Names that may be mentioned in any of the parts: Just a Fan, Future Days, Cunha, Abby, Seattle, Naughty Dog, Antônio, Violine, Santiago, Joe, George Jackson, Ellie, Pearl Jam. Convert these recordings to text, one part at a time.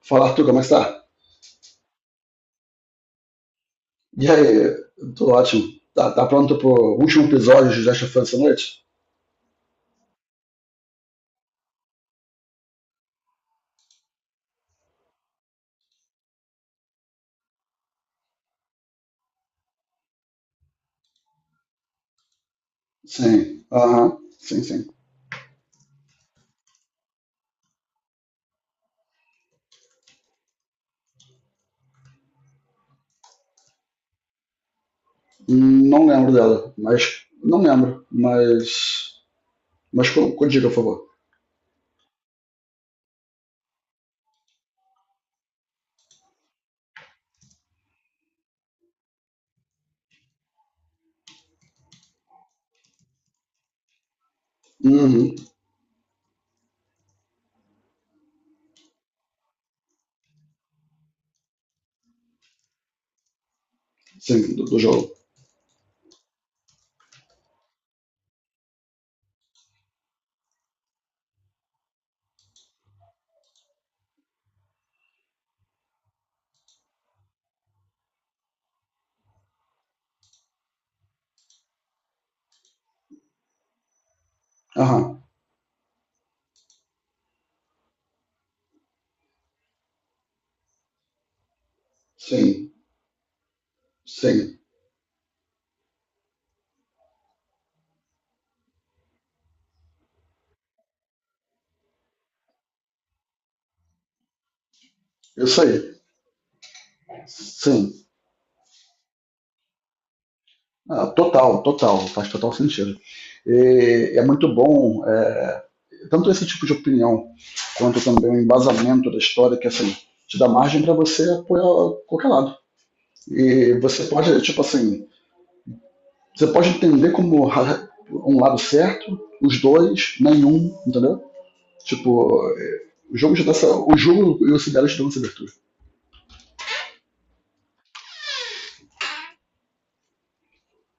Fala, Arthur, como é que tá? E aí, tudo ótimo. Tá pronto pro último episódio de Just a Fan essa noite? Sim, aham, sim, sim. Não lembro dela, mas. Não lembro, mas. Mas condiga, por favor. Uhum, sim, do jogo. Aham, sim, sim. Isso aí, sim. Ah, total, total, faz total sentido. E é muito bom, é, tanto esse tipo de opinião quanto também o embasamento da história, que assim, te dá margem para você apoiar qualquer lado. E você pode, tipo assim, você pode entender como um lado certo, os dois, nenhum, entendeu? Tipo, o jogo já dá essa, o jogo e o Sibéria te dão essa abertura.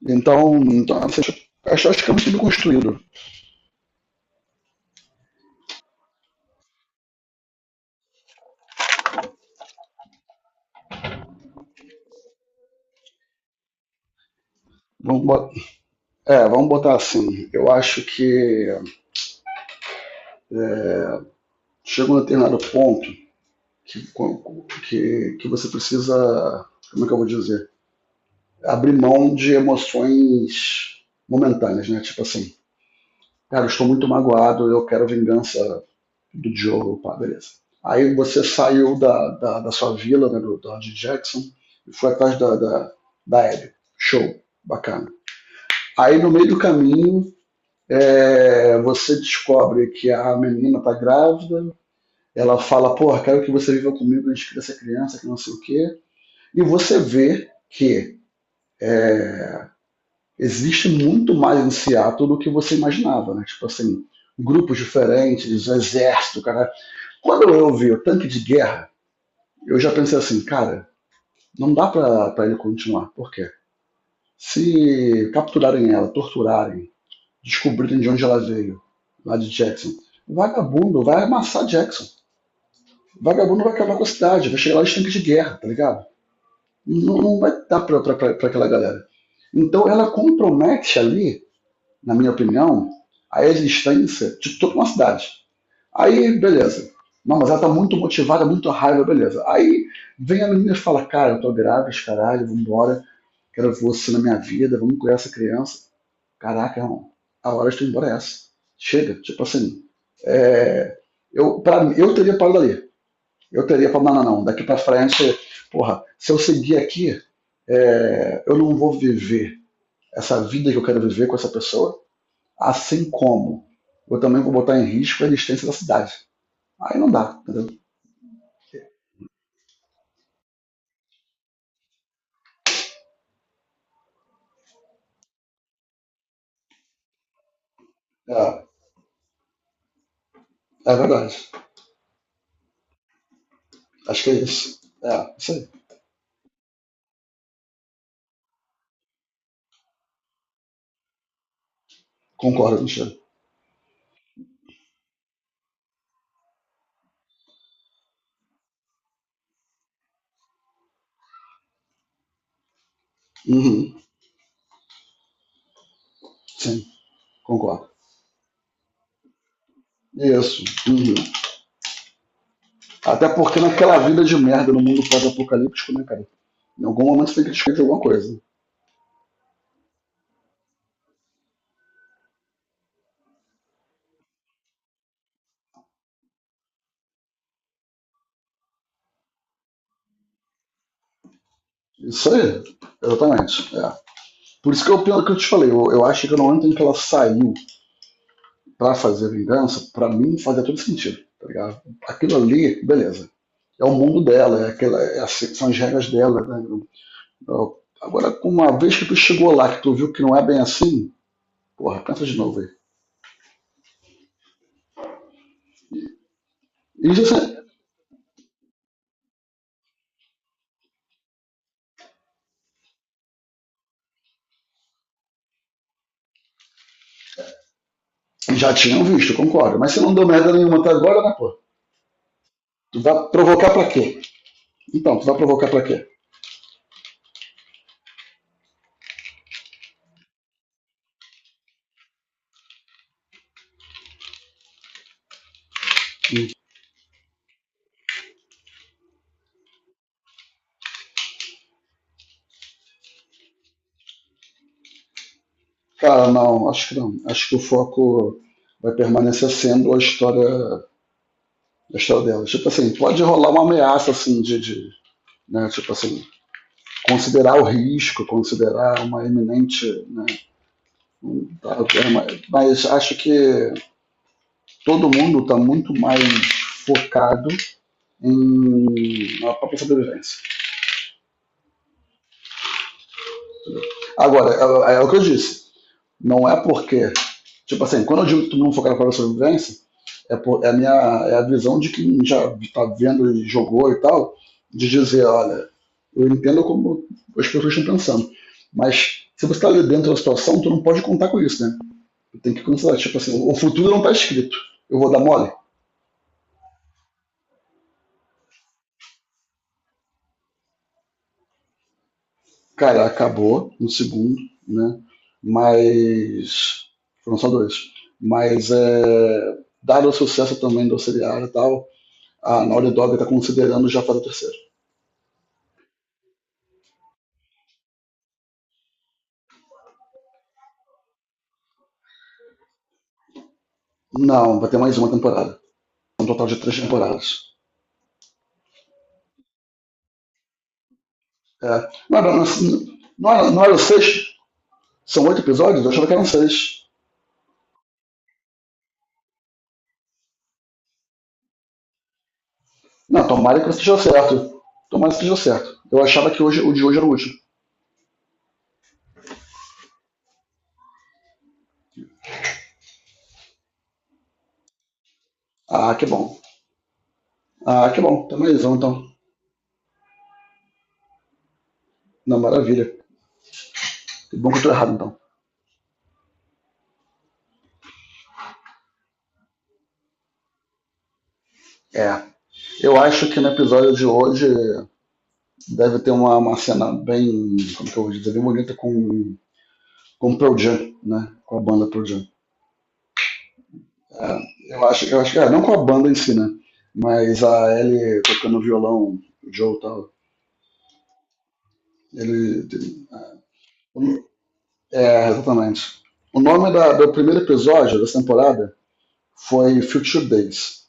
Então, então assim, acho, acho que é muito bem construído. Vamos botar, é, vamos botar assim. Eu acho que chega um determinado ponto que, que você precisa. Como é que eu vou dizer? Abrir mão de emoções momentâneas, né? Tipo assim, cara, eu estou muito magoado, eu quero vingança do Diogo, pá, beleza. Aí você saiu da sua vila, né, do George Jackson, e foi atrás da Abby. Show, bacana. Aí no meio do caminho, é, você descobre que a menina tá grávida, ela fala, porra, quero que você viva comigo, a gente cria essa criança, que não sei o quê. E você vê que existe muito mais em Seattle do que você imaginava, né? Tipo assim, grupos diferentes, um exército, cara. Quando eu vi o tanque de guerra, eu já pensei assim, cara, não dá pra ele continuar. Por quê? Se capturarem ela, torturarem, descobrirem de onde ela veio, lá de Jackson, vagabundo vai amassar Jackson. Vagabundo vai acabar com a cidade, vai chegar lá os tanque de guerra, tá ligado? Não, não vai dar pra aquela galera. Então ela compromete ali, na minha opinião, a existência de toda uma cidade. Aí, beleza. Não, mas ela tá muito motivada, muito raiva, beleza. Aí vem a menina e fala, cara, eu tô grávida, os caralho, vambora, quero você na minha vida, vamos cuidar essa criança. Caraca, irmão, a hora de tu ir embora é essa. Chega, tipo assim. Eu, pra, mim, eu teria parado ali. Eu teria falado, não, não, não, daqui pra frente, porra, se eu seguir aqui, é, eu não vou viver essa vida que eu quero viver com essa pessoa, assim como eu também vou botar em risco a existência da cidade. Aí não dá, entendeu? É, é verdade. Acho que é isso. É, isso aí. Concordo, Michel. Uhum. Sim, concordo. Isso. Uhum. Até porque naquela vida de merda no mundo pós-apocalíptico, né, cara? Em algum momento você tem que descobrir de alguma coisa. Isso aí, exatamente. É. Por isso que eu, pelo que eu te falei, eu acho que no momento em que ela saiu pra fazer vingança, pra mim fazia todo sentido, tá ligado? Aquilo ali, beleza. É o mundo dela, é aquela, é assim, são as regras dela. Né? Agora, uma vez que tu chegou lá, que tu viu que não é bem assim, porra, pensa de novo aí. E já, já tinham visto, concordo, mas você não deu merda nenhuma até agora, né, pô? Tu vai provocar pra quê? Então, tu vai provocar pra quê? Cara, não, acho que não. Acho que o foco vai permanecer sendo a história dela. Tipo assim, pode rolar uma ameaça, assim, de né, tipo assim, considerar o risco, considerar uma iminente, né. Claro. É. Mas acho que todo mundo está muito mais focado em na própria sobrevivência. Agora, é, é o que eu disse. Não é porque. Tipo assim, quando eu digo que todo mundo focado na própria sobrevivência, é, é a minha, é a visão de quem já está vendo e jogou e tal, de dizer, olha, eu entendo como as pessoas estão pensando, mas se você está ali dentro da situação, tu não pode contar com isso, né? Tem que considerar, tipo assim, o futuro não está escrito. Eu vou dar mole? Cara, acabou no segundo, né? Mas. Foram só dois. Mas, é, dado o sucesso também do seriado e tal, a Naughty Dog está considerando já fazer a terceira. Não, vai ter mais uma temporada. Um total de três temporadas. É. Não, era, não, não, era, não era seis? São oito episódios? Eu achava que eram seis. Não, tomara que esteja certo. Tomara que esteja certo. Eu achava que hoje, o de hoje era o último. Ah, que bom. Ah, que bom. Tá mais um então. Não, maravilha. Que bom que eu tô errado, então. É. Eu acho que no episódio de hoje deve ter uma cena bem, como que eu vou dizer, bem bonita com o Pearl Jam, né? Com a banda Pearl Jam. É, eu acho que, é, não com a banda em si, né? Mas a Ellie tocando violão, o Joe e tal. Ele, ele- é, exatamente. O nome do primeiro episódio dessa temporada foi Future Days.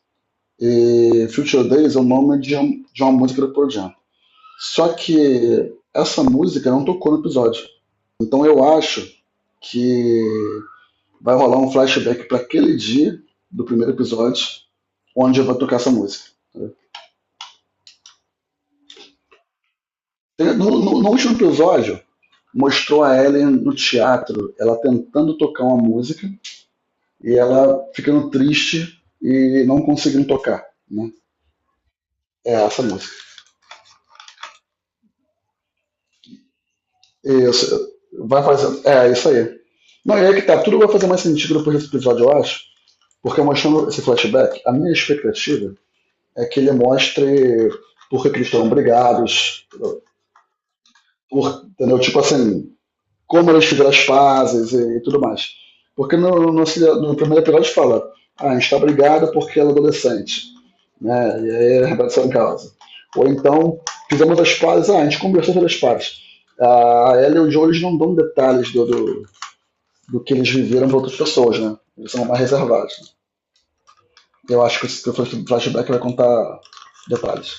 E Future Days é o nome de, de uma música do Pearl Jam. Só que essa música não tocou no episódio. Então eu acho que vai rolar um flashback para aquele dia do primeiro episódio, onde eu vou tocar essa música. No último episódio, mostrou a Ellen no teatro, ela tentando tocar uma música e ela ficando triste e não conseguindo tocar. Né? É essa música. Isso. Vai fazer. É, isso aí. Não, e aí que tá, tudo vai fazer mais sentido depois desse episódio, eu acho. Porque mostrando esse flashback, a minha expectativa é que ele mostre por que, que eles estão brigados, por, entendeu? Tipo assim, como eles fizeram as pazes e tudo mais. Porque no, no, no, primeiro episódio fala, ah, a gente está brigado porque ela é adolescente, né? E aí a redação em causa. Ou então, fizemos as pazes, ah, a gente conversou sobre as pazes. A ela e o Joe eles não dão detalhes do que eles viveram para outras pessoas, né? Eles são mais reservados. Eu acho que o flashback vai contar detalhes.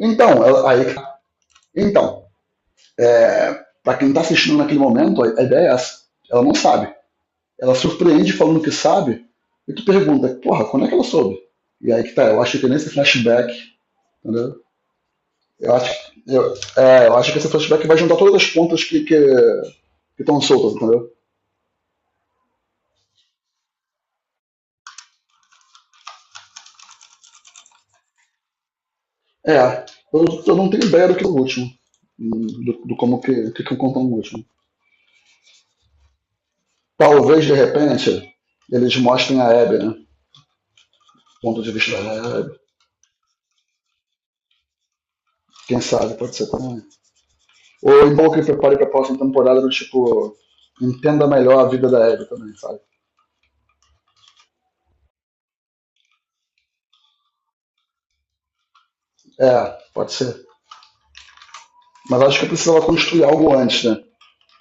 Então, aí, então, para quem está assistindo naquele momento, a ideia é essa. Ela não sabe. Ela surpreende falando que sabe, e tu pergunta, porra, quando é que ela soube? E aí que tá, eu acho que nesse flashback, entendeu? Eu acho, eu, é, eu acho que esse flashback vai juntar todas as pontas que estão soltas, entendeu? É, eu não tenho ideia do que é o último, do, do como que eu conto no último. Talvez, de repente, eles mostrem a Abby, né? Ponto de vista da Abby. Quem sabe, pode ser também. Ou é bom que ele prepare pra próxima temporada do tipo. Entenda melhor a vida da Abby também, sabe? É, pode ser. Mas acho que eu precisava construir algo antes, né?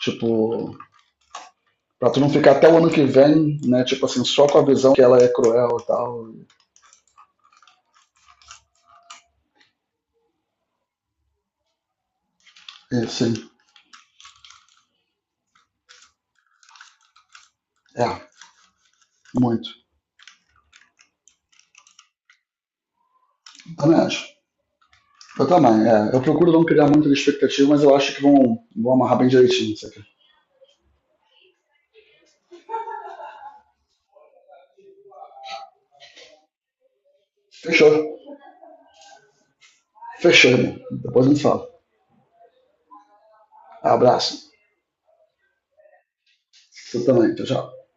Tipo, pra tu não ficar até o ano que vem, né? Tipo assim, só com a visão que ela é cruel e tal. E, sim, é, muito. Também acho. Eu também, é. Eu procuro não criar muita expectativa, mas eu acho que vão, vão amarrar bem direitinho isso aqui. Fechou. Fechou, irmão. Depois a gente fala. Abraço. Tu também. Tchau, tchau.